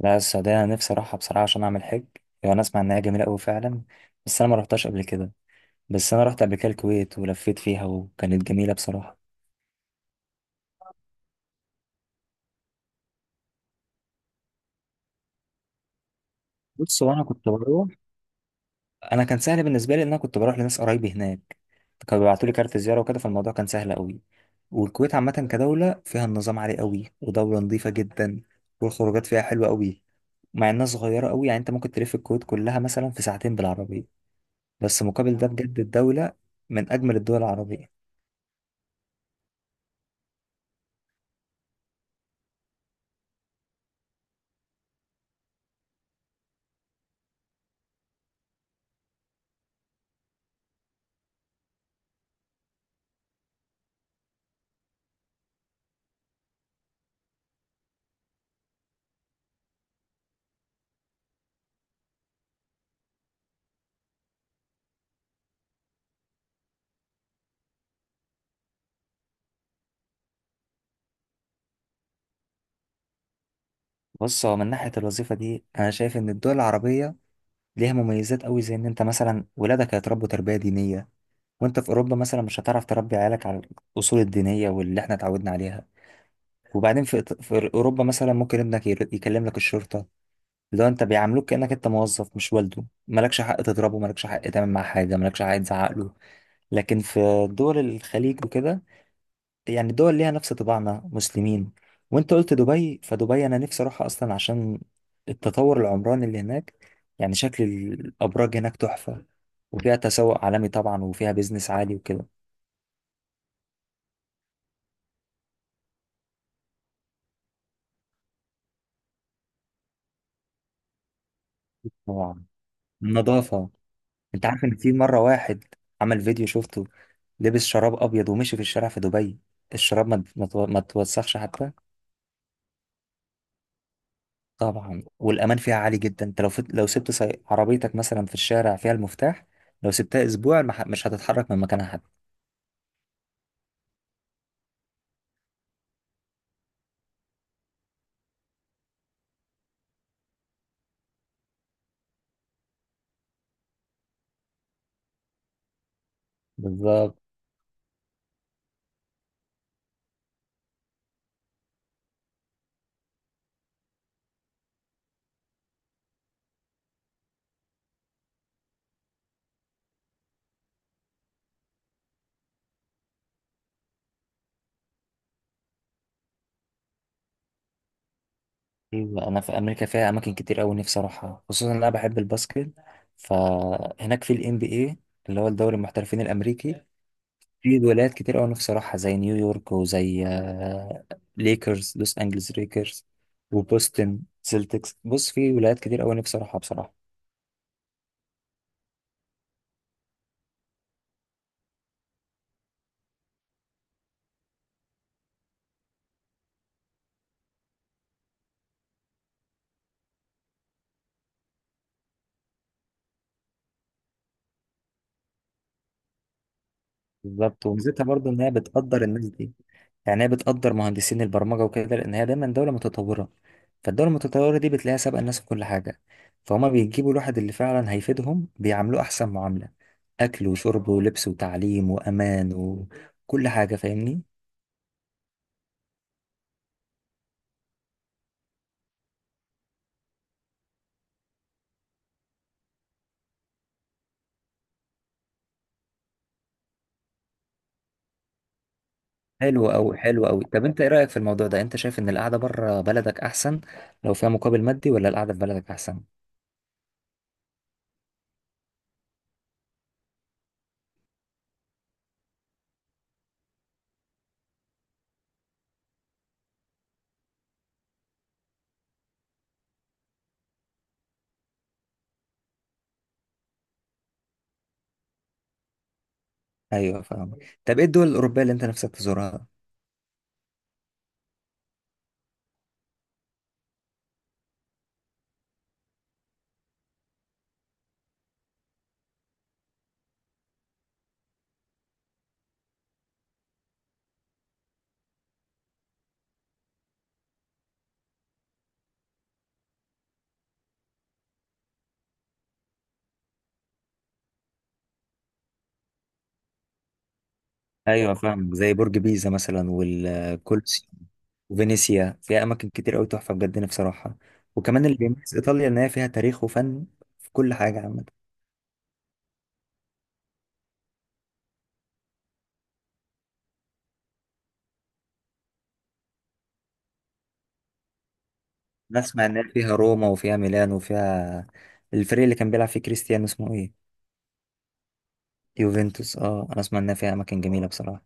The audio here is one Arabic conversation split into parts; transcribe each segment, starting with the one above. لا، السعودية أنا نفسي أروحها بصراحة عشان أعمل حج. يعني أنا أسمع إنها جميلة أوي فعلا، بس أنا ما رحتش قبل كده. بس أنا رحت قبل كده الكويت ولفيت فيها وكانت جميلة بصراحة. بص، هو أنا كنت بروح أنا كان سهل بالنسبة لي إن أنا كنت بروح لناس قرايبي هناك، كانوا بيبعتوا لي كارت زيارة وكده، فالموضوع كان سهل أوي. والكويت عامة كدولة فيها النظام عالي أوي، ودولة نظيفة جدا، والخروجات فيها حلوة أوي، مع إنها صغيرة أوي، يعني أنت ممكن تلف الكويت كلها مثلا في ساعتين بالعربية. بس مقابل ده بجد الدولة من أجمل الدول العربية. بص، هو من ناحية الوظيفة دي أنا شايف إن الدول العربية ليها مميزات أوي، زي إن أنت مثلا ولادك هيتربوا تربية دينية، وأنت في أوروبا مثلا مش هتعرف تربي عيالك على الأصول الدينية واللي إحنا اتعودنا عليها. وبعدين في أوروبا مثلا ممكن ابنك يكلم لك الشرطة، لو أنت بيعاملوك كأنك أنت موظف مش والده، مالكش حق تضربه، مالكش حق تعمل معاه حاجة، مالكش حق تزعق له. لكن في دول الخليج وكده، يعني دول ليها نفس طباعنا، مسلمين. وانت قلت دبي، فدبي انا نفسي اروحها اصلا عشان التطور العمراني اللي هناك، يعني شكل الابراج هناك تحفة، وفيها تسوق عالمي طبعا، وفيها بيزنس عالي وكده. طبعا النظافة، انت عارف ان في مرة واحد عمل فيديو شفته، لبس شراب ابيض ومشي في الشارع في دبي، الشراب ما توسخش حتى. طبعا، والامان فيها عالي جدا، انت لو سبت عربيتك مثلا في الشارع فيها المفتاح، لو سبتها اسبوع مش هتتحرك من مكانها. بالظبط. أيوة، انا في امريكا فيها اماكن كتير قوي نفسي اروحها، خصوصا ان انا بحب الباسكت. فهناك في الام بي اي، اللي هو الدوري المحترفين الامريكي، في ولايات كتير قوي نفسي اروحها، زي نيويورك، وزي ليكرز، لوس انجلز ليكرز، وبوستن سيلتكس. بص، في ولايات كتير قوي نفسي اروحها بصراحة. بالظبط، وميزتها برضو ان هي بتقدر الناس دي، يعني هي بتقدر مهندسين البرمجه وكده، لان هي دايما دوله متطوره، فالدوله المتطوره دي بتلاقيها سابقه الناس في كل حاجه. فهما بيجيبوا الواحد اللي فعلا هيفيدهم بيعاملوه احسن معامله، اكل وشرب ولبس وتعليم وامان وكل حاجه، فاهمني. حلو قوي، حلو قوي. طب انت ايه رايك في الموضوع ده؟ انت شايف ان القعده بره بلدك احسن لو فيها مقابل مادي، ولا القعده في بلدك احسن؟ ايوه، فاهم. طب ايه الدول الاوروبيه اللي انت نفسك تزورها؟ ايوه فاهم، زي برج بيزا مثلا والكولسيوم. وفينيسيا، فيها اماكن كتير قوي تحفه بجد، نفسي اروحها. وكمان اللي بيميز ايطاليا ان هي فيها تاريخ وفن في كل حاجه عامه. نسمع ان هي فيها روما، وفيها ميلان، وفيها الفريق اللي كان بيلعب فيه كريستيانو، اسمه ايه؟ يوفنتوس، اه. انا اسمع انها فيها اماكن جميله بصراحه.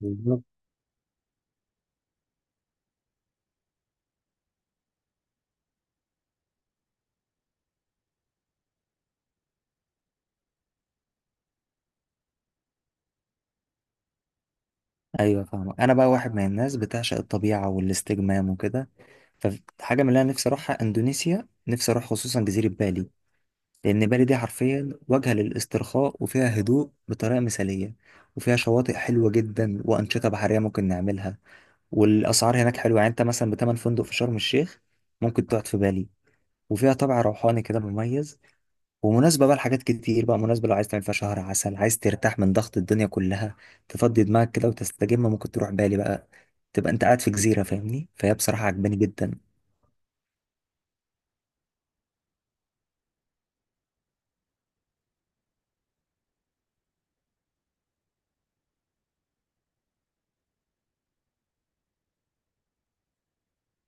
بالظبط. ايوه فاهم، انا بقى واحد من الناس بتعشق الطبيعه والاستجمام وكده. فحاجه من اللي انا نفسي اروحها اندونيسيا، نفسي اروح خصوصا جزيره بالي. لأن بالي دي حرفيا وجهة للاسترخاء، وفيها هدوء بطريقة مثالية، وفيها شواطئ حلوة جدا، وأنشطة بحرية ممكن نعملها. والأسعار هناك حلوة، يعني أنت مثلا بتمن فندق في شرم الشيخ ممكن تقعد في بالي. وفيها طابع روحاني كده مميز، ومناسبة بقى لحاجات كتير، بقى مناسبة لو عايز تعمل فيها شهر عسل، عايز ترتاح من ضغط الدنيا كلها، تفضي دماغك كده وتستجم، ممكن تروح بالي بقى، تبقى أنت قاعد في جزيرة، فاهمني. فهي بصراحة عجباني جدا.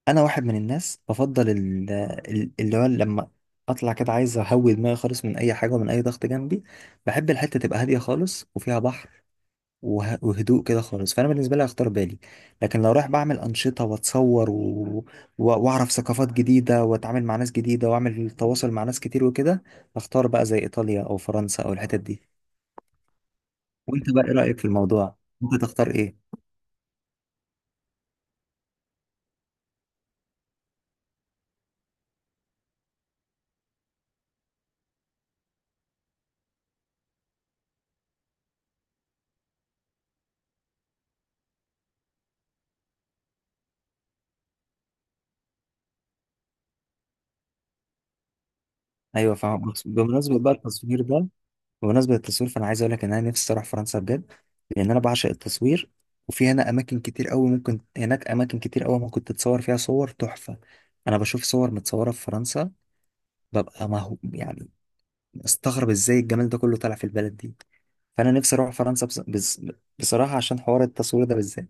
انا واحد من الناس بفضل اللي هو لما اطلع كده عايز اهوي دماغي خالص من اي حاجه ومن اي ضغط جنبي، بحب الحته تبقى هاديه خالص وفيها بحر وهدوء كده خالص، فانا بالنسبه لي هختار بالي. لكن لو رايح بعمل انشطه واتصور واعرف ثقافات جديده واتعامل مع ناس جديده واعمل تواصل مع ناس كتير وكده، هختار بقى زي ايطاليا او فرنسا او الحتت دي. وانت بقى ايه رايك في الموضوع؟ انت تختار ايه؟ ايوه فاهم. بمناسبه بقى التصوير ده، بمناسبة التصوير، فأنا عايز أقول لك إن أنا نفسي أروح فرنسا بجد، لأن أنا بعشق التصوير. وفي هنا أماكن كتير أوي ممكن، هناك أماكن كتير أوي ممكن تتصور فيها صور تحفة. أنا بشوف صور متصورة في فرنسا، ببقى مهو يعني أستغرب إزاي الجمال ده كله طالع في البلد دي. فأنا نفسي أروح فرنسا بصراحة عشان حوار التصوير ده بالذات.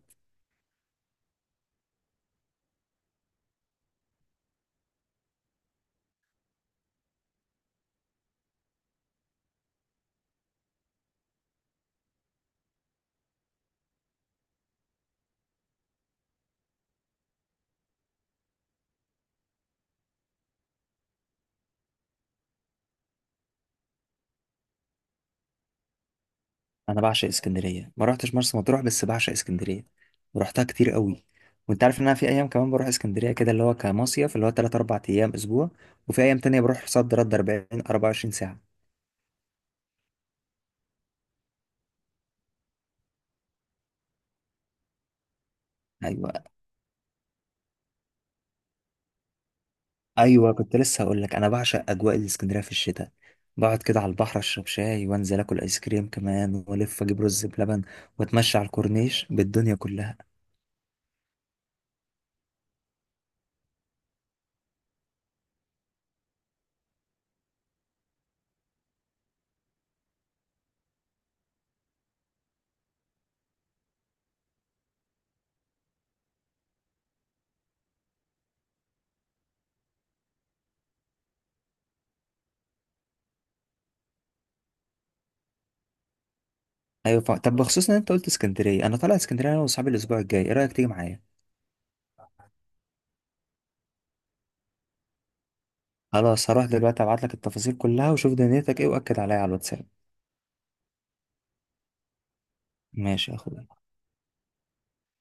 انا بعشق اسكندريه، ما رحتش مرسى مطروح بس بعشق اسكندريه ورحتها كتير قوي. وانت عارف ان انا في ايام كمان بروح اسكندريه كده، اللي هو كمصيف، اللي هو 3 4 ايام اسبوع، وفي ايام تانية بروح صد رد 40 24 ساعه. ايوه ايوه، كنت لسه هقول لك انا بعشق اجواء الاسكندريه في الشتاء، بقعد كده على البحر اشرب شاي، وانزل اكل ايس كريم كمان، والف اجيب رز بلبن، واتمشى على الكورنيش بالدنيا كلها. ايوه طب بخصوص ان انت قلت اسكندريه، انا طالع اسكندريه انا واصحابي الاسبوع الجاي، ايه رايك تيجي معايا؟ خلاص هروح دلوقتي ابعت لك التفاصيل كلها، وشوف دنيتك ايه، واكد عليا على الواتساب. ماشي يا اخويا.